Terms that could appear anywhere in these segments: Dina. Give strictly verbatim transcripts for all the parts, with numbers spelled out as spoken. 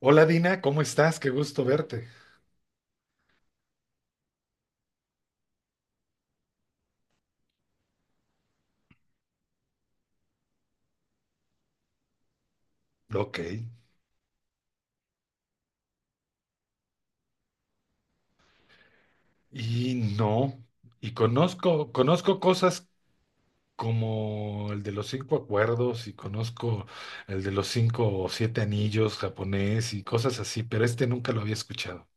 Hola Dina, ¿cómo estás? Qué gusto verte. Ok. Y no, y conozco, conozco cosas como el de los cinco acuerdos y conozco el de los cinco o siete anillos japonés y cosas así, pero este nunca lo había escuchado.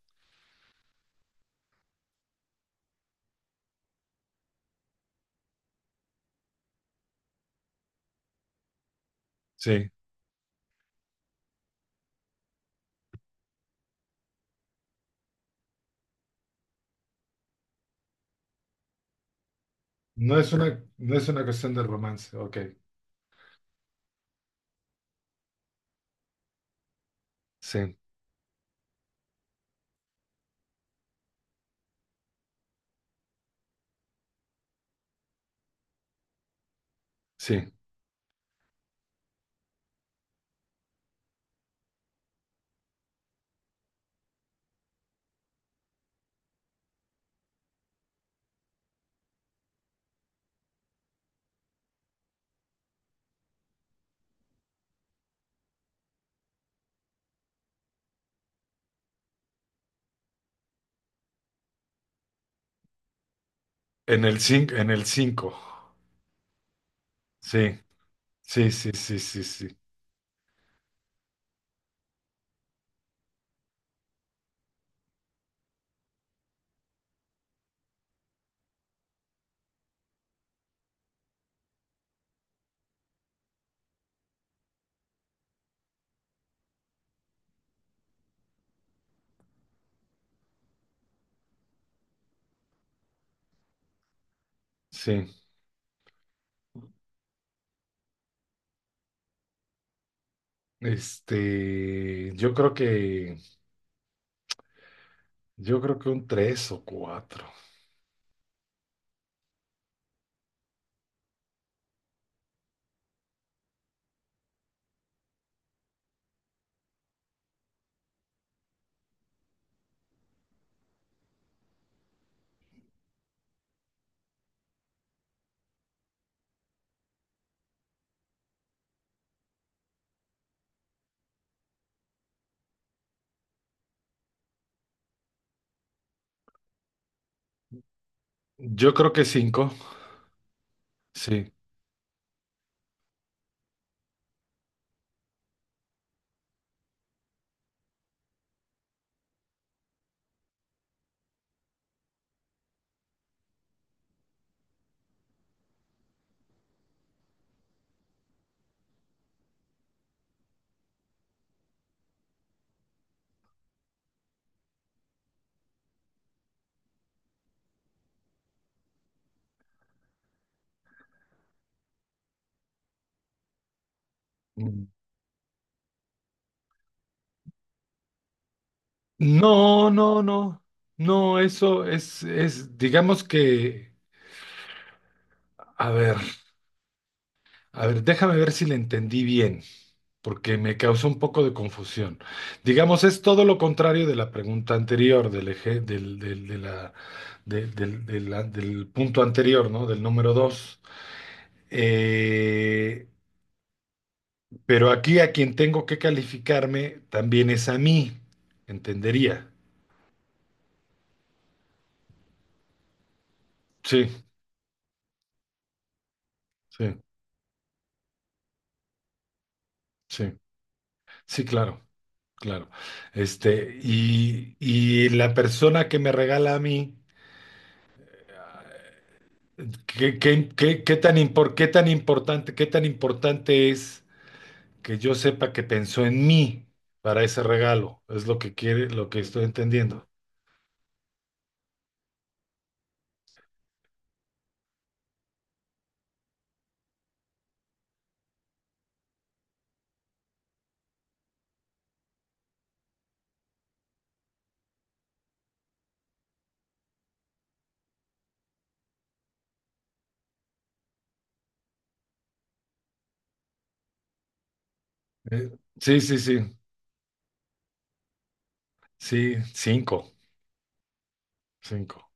Sí. No es una, no es una cuestión de romance. Ok. Sí, sí. En el cinco, en el cinco. Sí, sí, sí, sí, sí, sí. Sí. Este, yo creo que, yo creo que un tres o cuatro. Yo creo que cinco, sí. Mm. No, no, no. No, eso es, es, digamos que, a ver, a ver, déjame ver si le entendí bien, porque me causó un poco de confusión. Digamos, es todo lo contrario de la pregunta anterior, del eje, del, del, de la, de- del, de la- del punto anterior, ¿no? Del número dos. Eh, pero aquí a quien tengo que calificarme también es a mí, entendería. Sí, sí, sí. Sí, claro, claro. Este, y, y la persona que me regala a mí, ¿qué, qué, qué, qué tan impor- qué tan importante, qué tan importante es que yo sepa que pensó en mí para ese regalo. Es lo que quiere, lo que estoy entendiendo. Eh, sí, sí, sí, sí, cinco, cinco.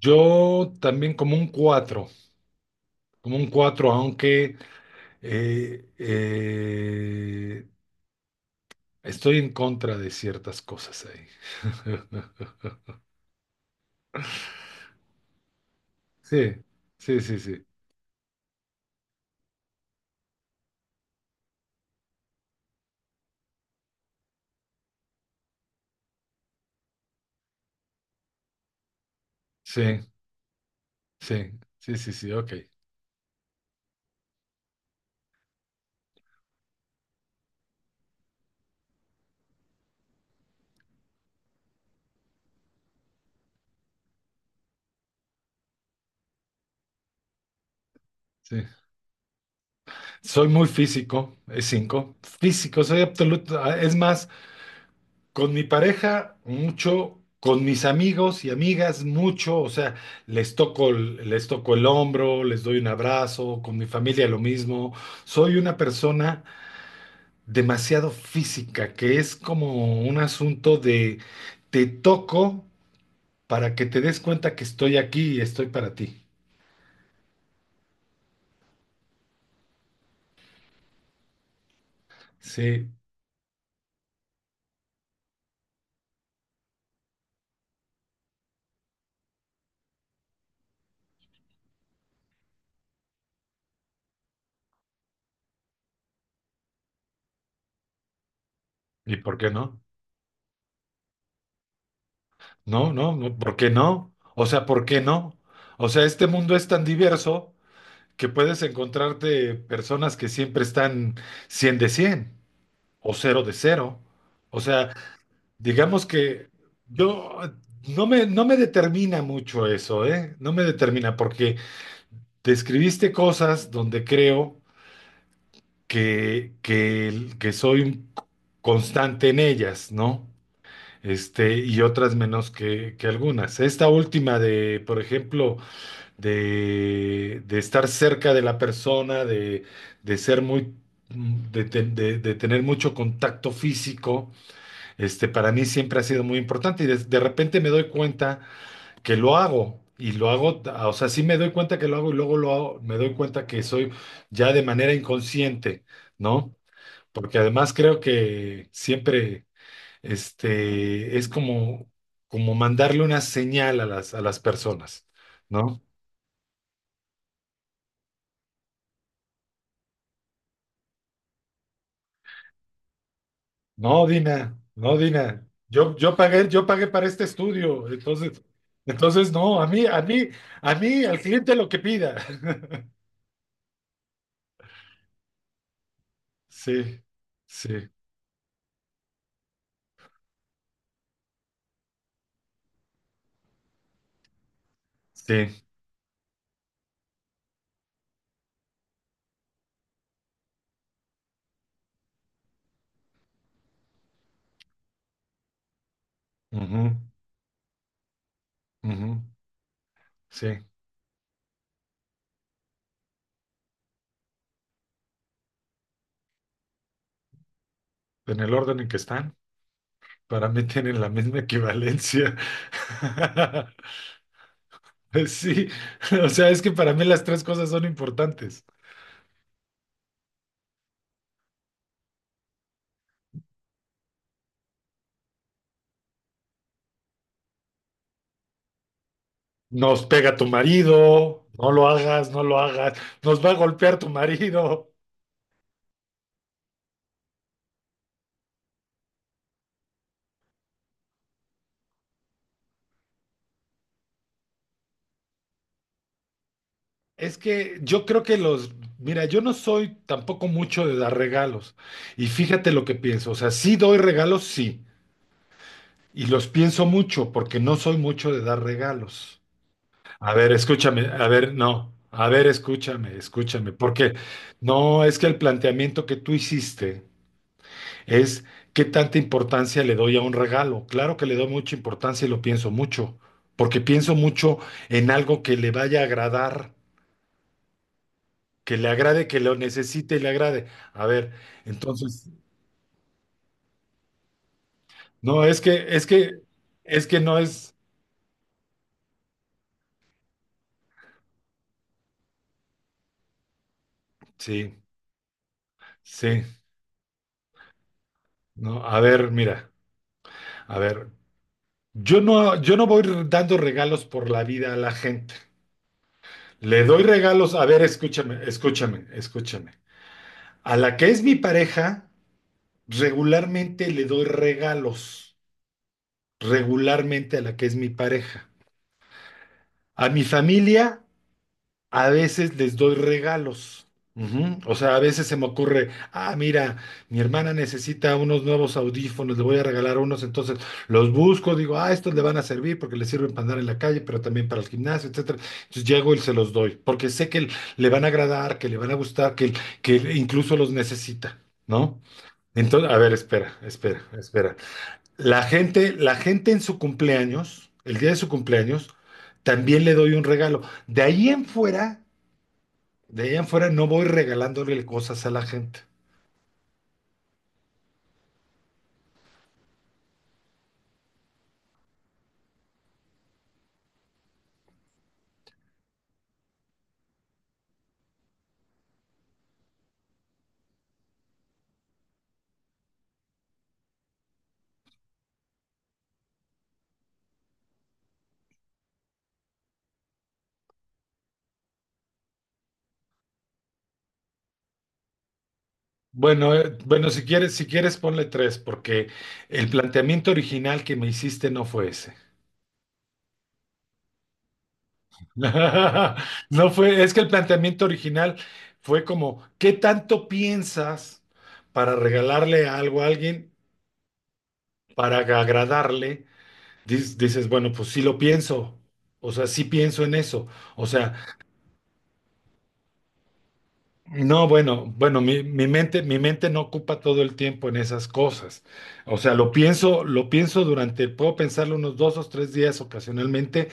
Yo también como un cuatro, como un cuatro, aunque eh, eh, estoy en contra de ciertas cosas ahí. Sí, sí, sí, sí, sí, sí, sí, sí, sí, ok, sí. Soy muy físico, es cinco. Físico, soy absoluto. ah, Es más, con mi pareja, mucho, con mis amigos y amigas, mucho. O sea, les toco, el- les toco el hombro, les doy un abrazo, con mi familia lo mismo. Soy una persona demasiado física, que es como un asunto de te toco para que te des cuenta que estoy aquí y estoy para ti. Sí. ¿Y por qué no? No, no, no, ¿por qué no? O sea, ¿por qué no? O sea, este mundo es tan diverso que puedes encontrarte personas que siempre están cien de cien o cero de cero. O sea, digamos que yo no me, no me determina mucho eso, ¿eh? No me determina porque describiste cosas donde creo que, que, que soy un constante en ellas, ¿no? Este, y otras menos que, que algunas. Esta última de, por ejemplo, de, de estar cerca de la persona, de, de ser muy, mm, de, ten- de- de tener mucho contacto físico, este, para mí siempre ha sido muy importante y de, de repente me doy cuenta que lo hago. Y lo hago, o sea, sí me doy cuenta que lo hago y luego lo hago, me doy cuenta que soy ya de manera inconsciente, ¿no? Porque además creo que siempre este, es como, como mandarle una señal a las, a las personas, ¿no? No, Dina, no, Dina. Yo, yo pagué, yo pagué para este estudio, entonces, entonces no, a mí, a mí, a mí, al cliente lo que pida. Sí, sí, sí, ujú, ujú, sí. En el orden en que están, para mí tienen la misma equivalencia. Sí, o sea, es que para mí las tres cosas son importantes. Nos pega tu marido, no lo hagas, no lo hagas, nos va a golpear tu marido. Es que yo creo que los, mira, yo no soy tampoco mucho de dar regalos. Y fíjate lo que pienso, o sea, sí doy regalos, sí, y los pienso mucho porque no soy mucho de dar regalos. A ver, escúchame, a ver, no, a ver, escúchame, escúchame, porque no es que el planteamiento que tú hiciste es qué tanta importancia le doy a un regalo. Claro que le doy mucha importancia y lo pienso mucho, porque pienso mucho en algo que le vaya a agradar, que le agrade, que lo necesite y le agrade. A ver, entonces, no, es que, es que, es que no es, sí, sí, no, a ver, mira, a ver, yo no, yo no voy dando regalos por la vida a la gente. Le doy regalos, a ver, escúchame, escúchame, escúchame. A la que es mi pareja, regularmente le doy regalos, regularmente a la que es mi pareja. A mi familia a veces les doy regalos. Ujú. O sea, a veces se me ocurre, ah, mira, mi hermana necesita unos nuevos audífonos, le voy a regalar unos, entonces los busco, digo, ah, estos le van a servir porque le sirven para andar en la calle, pero también para el gimnasio, etcétera. Entonces llego y se los doy, porque sé que le van a agradar, que le van a gustar, que, que incluso los necesita, ¿no? Entonces, a ver, espera, espera, espera. La gente, la gente en su cumpleaños, el día de su cumpleaños, también le doy un regalo. De ahí en fuera, de ahí en fuera no voy regalándole cosas a la gente. Bueno, eh, bueno, si quieres, si quieres ponle tres, porque el planteamiento original que me hiciste no fue ese. No fue, es que el planteamiento original fue como, ¿qué tanto piensas para regalarle algo a alguien, para agradarle? Dices, dices, bueno, pues sí lo pienso, o sea, sí pienso en eso, o sea, no, bueno, bueno, mi, mi mente, mi mente no ocupa todo el tiempo en esas cosas, o sea, lo pienso, lo pienso durante, puedo pensarlo unos dos o tres días ocasionalmente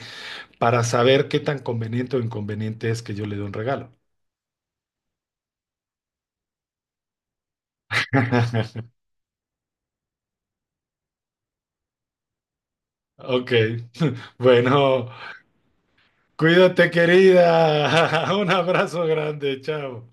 para saber qué tan conveniente o inconveniente es que yo le dé un regalo. Ok, bueno, cuídate querida, un abrazo grande, chao.